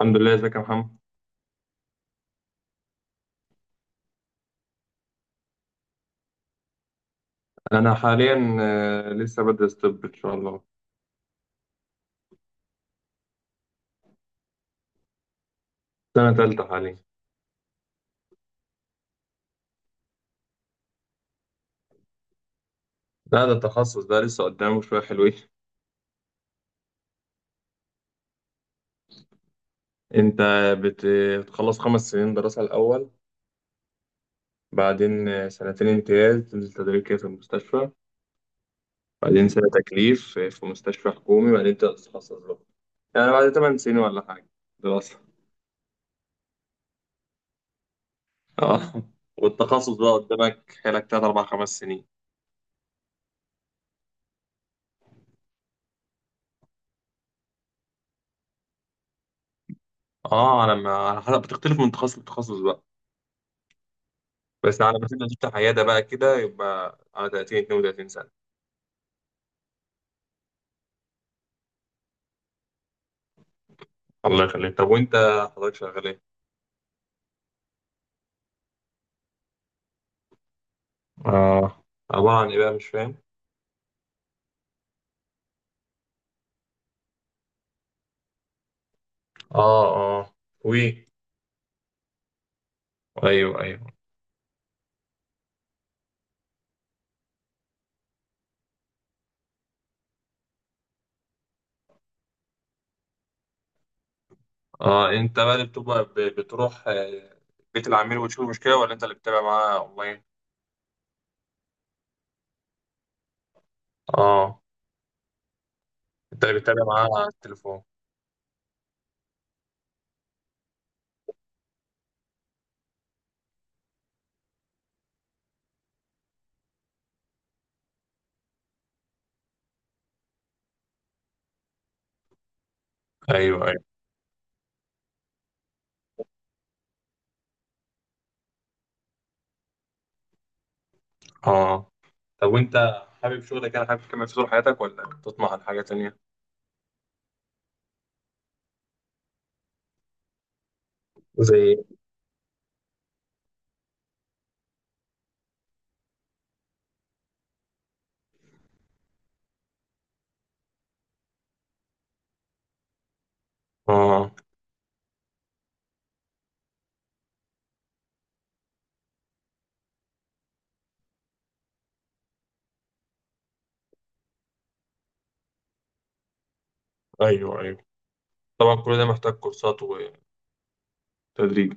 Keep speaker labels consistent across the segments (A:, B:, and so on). A: الحمد لله. ازيك يا محمد؟ انا حاليا لسه بدرس طب ان شاء الله. سنه تالتة حاليا. لا، ده التخصص ده لسه قدامه شويه حلوين. انت بت- بتخلص 5 سنين دراسه الاول، بعدين سنتين امتياز تنزل تدريب كده في المستشفى، بعدين سنه تكليف في مستشفى حكومي، بعدين تبدا تتخصص بقى. يعني بعد 8 سنين ولا حاجه دراسه. اه. والتخصص بقى قدامك حالك تلات اربع خمس سنين. اه، انا ما على حسب بتختلف من تخصص لتخصص. بس على ما تبدا تفتح عياده بقى كده يبقى على 30 32 سنه. الله يخليك. طب وانت حضرتك شغال ايه؟ اه، عباره عن ايه بقى؟ مش فاهم. اه اه. وي. ايوه ايوه. اه، انت بقى اللي بتبقى بتروح بيت العميل وتشوف المشكله، ولا انت اللي بتتابع معاه اونلاين؟ اه، انت اللي بتتابع معاه على التليفون. ايوه ايوه. اه. طب وانت حابب شغلك؟ يعني حابب تكمل في طول حياتك، ولا تطمح لحاجه تانيه؟ زي. اه. ايوه ايوه. طبعا كل ده محتاج كورسات وتدريب.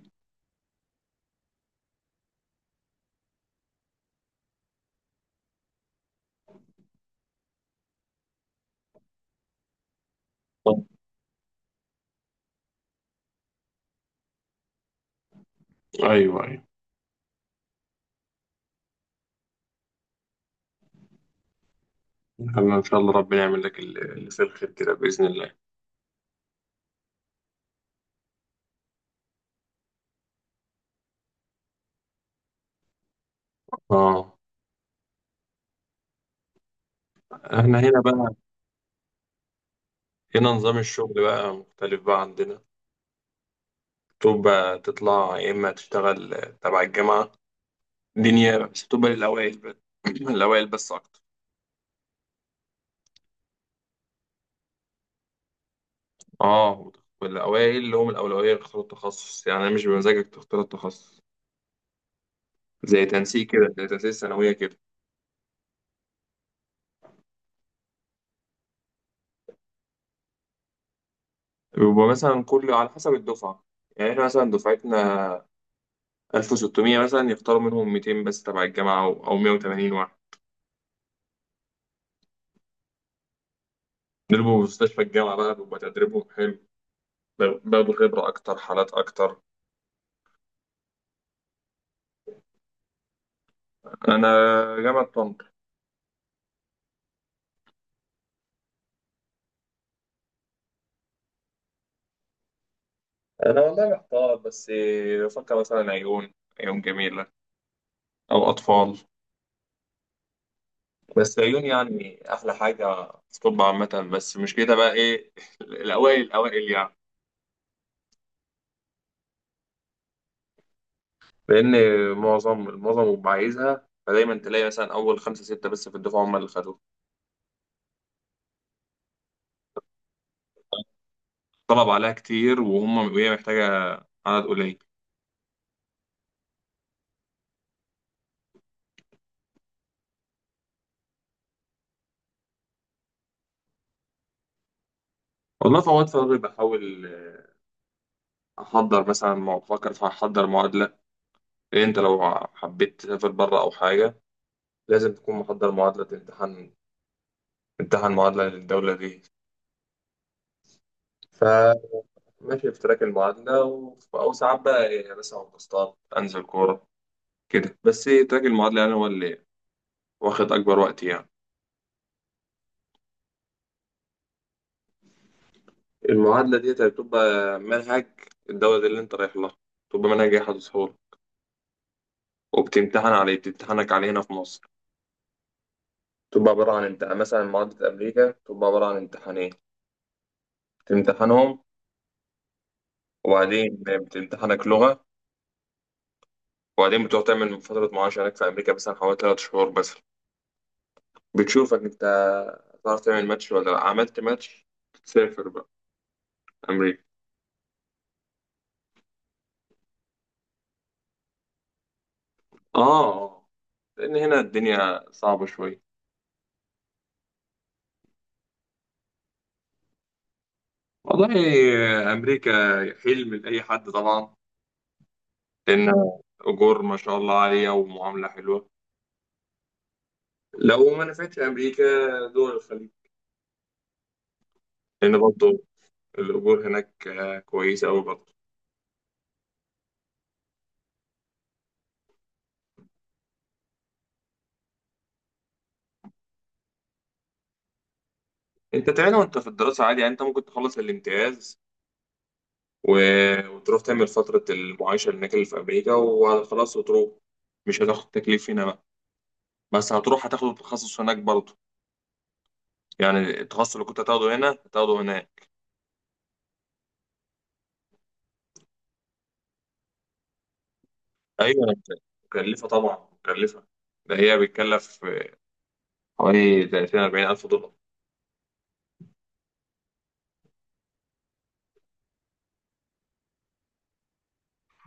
A: ايوه ايوه. احنا ان شاء الله ربنا يعمل لك اللي في الخير كده باذن الله. اه. احنا هنا بقى، هنا نظام الشغل بقى مختلف بقى عندنا. تبقى تطلع يا اما تشتغل تبع الجامعه. دي نيابه، بس تبقى للاوائل بس. الاوائل بس اكتر. اه، والاوائل اللي هم الاولويه يختاروا التخصص، يعني مش بمزاجك تختار التخصص. زي تنسيق كده، زي تنسيق الثانويه كده. بيبقى مثلا كل على حسب الدفعه. يعني احنا مثلا دفعتنا 1600 مثلا، يختاروا منهم 200 بس تبع الجامعة، أو 180 واحد. بيضربوا في مستشفى الجامعة بقى، بيبقى تدريبهم حلو، بياخدوا خبرة أكتر، حالات أكتر. أنا جامعة طنطا. أنا والله محتار، بس بفكر مثلا عيون. عيون جميلة، أو أطفال. بس عيون يعني أحلى حاجة في طب عامة، بس مش كده بقى إيه الأوائل الأوائل يعني. لأن معظم اللي عايزها، فدايما تلاقي مثلا أول خمسة ستة بس في الدفعة هم اللي خدوها. طلب عليها كتير، وهم وهي محتاجة عدد قليل. والله في أوقات فراغي بحاول أحضر مثلا بفكر في أحضر معادلة. لأن أنت لو حبيت تسافر بره أو حاجة لازم تكون محضر معادلة، تمتحن معادلة للدولة دي. فماشي في تراك المعادلة أو ساعات بقى يعني مثلا بسطات أنزل كورة كده، بس تراك المعادلة يعني هو اللي واخد أكبر وقت يعني. المعادلة دي بتبقى منهج الدولة دي اللي أنت رايح لها. بتبقى منهج أحد سهولة، وبتمتحن عليه، بتمتحنك عليه هنا في مصر. تبقى عبارة عن امتحان. مثلا معادلة أمريكا تبقى عبارة عن امتحانين بتمتحنهم، وبعدين بتمتحنك لغة. وبعدين بتروح تعمل فترة معاش هناك في أمريكا مثلا حوالي 3 شهور مثلا. بتشوفك أنت هتعرف تعمل ماتش ولا لأ. عملت ماتش تسافر بقى أمريكا. آه. لأن هنا الدنيا صعبة شوية. والله أمريكا حلم لأي حد طبعا. لأن أجور ما شاء الله عالية ومعاملة حلوة. لو ما نفعتش أمريكا، دول الخليج. لان برضه الاجور هناك كويسه قوي برضه. انت تعالى وانت في الدراسه عادي، يعني انت ممكن تخلص الامتياز و... وتروح تعمل فتره المعايشه هناك اللي في امريكا وخلاص، وتروح. مش هتاخد تكليف هنا بقى، بس هتروح هتاخد التخصص هناك برضه. يعني التخصص اللي كنت هتاخده هنا هتاخده هناك. ايوه. مكلفه طبعا، مكلفه. ده هي بتكلف حوالي 30 40 الف دولار.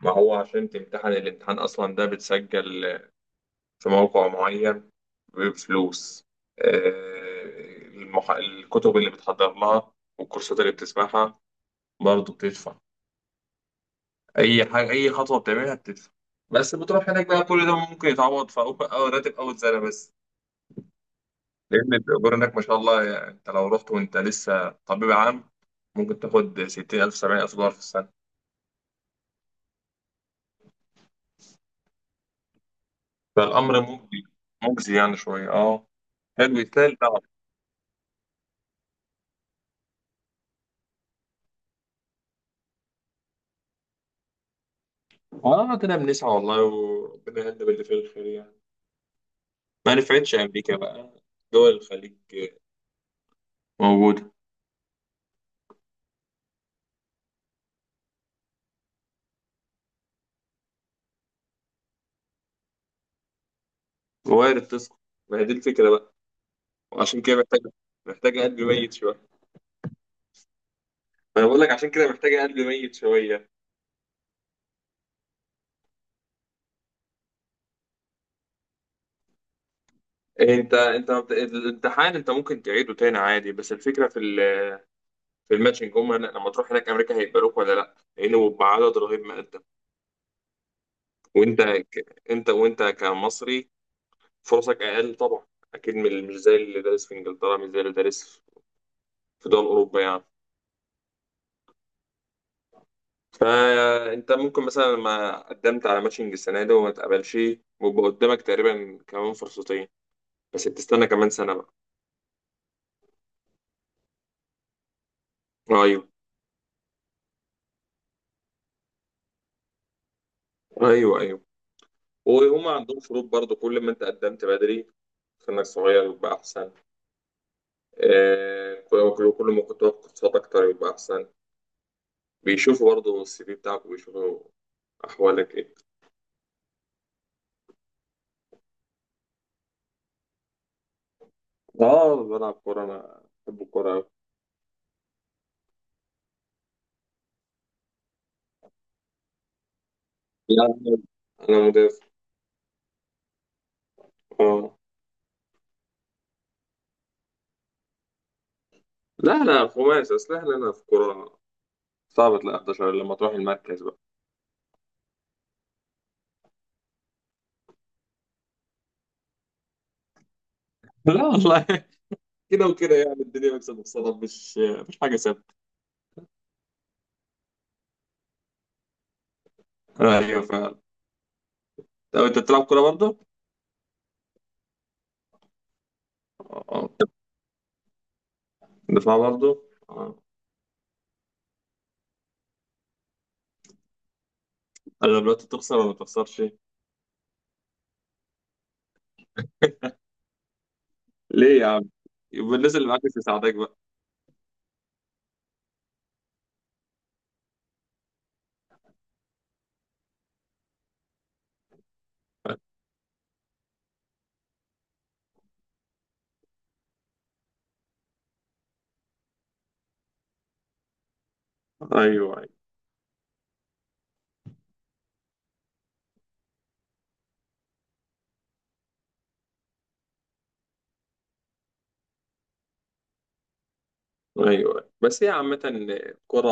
A: ما هو عشان تمتحن الامتحان اصلا ده بتسجل في موقع معين بفلوس. الكتب اللي بتحضر لها والكورسات اللي بتسمعها برضه بتدفع. أي حاجة، أي خطوة بتعملها بتدفع. بس بتروح هناك بقى كل ده ممكن يتعوض في أول أو راتب أول سنة بس. لأن الأجور هناك ما شاء الله، يعني أنت لو رحت وأنت لسه طبيب عام ممكن تاخد 60000 $70,000 في السنة. فالأمر مجزي، مجزي يعني شوية أه. حلو يستاهل تعب. اه، ربنا بنسعى والله، وربنا يهدي باللي فيه الخير يعني. ما نفعتش أمريكا بقى، دول الخليج موجودة. وارد تسقط. ما هي دي الفكرة بقى. وعشان كده محتاجة قلب ميت شوية. ما أنا بقول لك عشان كده محتاجة قلب ميت شوية. أنت ما بت- الامتحان أنت ممكن تعيده تاني عادي، بس الفكرة في الماتشنج. لما تروح هناك أمريكا هيقبلوك ولا لأ، لأنه بعدد رهيب مقدم. وأنت ك- أنت وأنت كمصري فرصك أقل طبعا، أكيد مش زي اللي دارس في إنجلترا، مش زي اللي دارس في دول أوروبا يعني. فانت ممكن مثلا لما قدمت على ماتشنج السنه دي وما تقبلش، ويبقى قدامك تقريبا كمان فرصتين، بس بتستنى كمان سنه بقى. ايوه ايوه ايوه. وهم عندهم شروط برضو. كل ما انت قدمت بدري سنك صغير يبقى احسن. كل ما كنت واخد كورسات اكتر يبقى احسن. بيشوفوا برضو السي في بتاعك، وبيشوفوا احوالك ايه. اه، بلعب كوره، انا بحب الكوره أوي. لا، انا مدافع. اه. لا لا، خماسي اصل احنا هنا في كوره صعب تلاقي 11 لما تروح المركز بقى. لا والله، كده وكده يعني. الدنيا مكسب وخسارة، مش حاجة ثابتة. ايوه فعلا. طب انت بتلعب كوره برضه؟ اه. دفاع برضه؟ آه. انا دلوقتي تخسر ولا ما تخسرش؟ ليه يا عم؟ يبقى الناس اللي معاك مش مساعداك بقى. ايوه ايوه ايوه. بس هي عامة كرة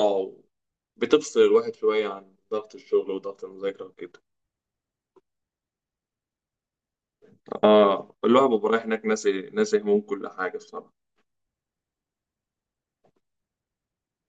A: بتفصل الواحد شوية عن ضغط الشغل وضغط المذاكرة وكده. اه، الواحد بيبقى رايح هناك ناسي، ناسي هموم كل حاجة بصراحة.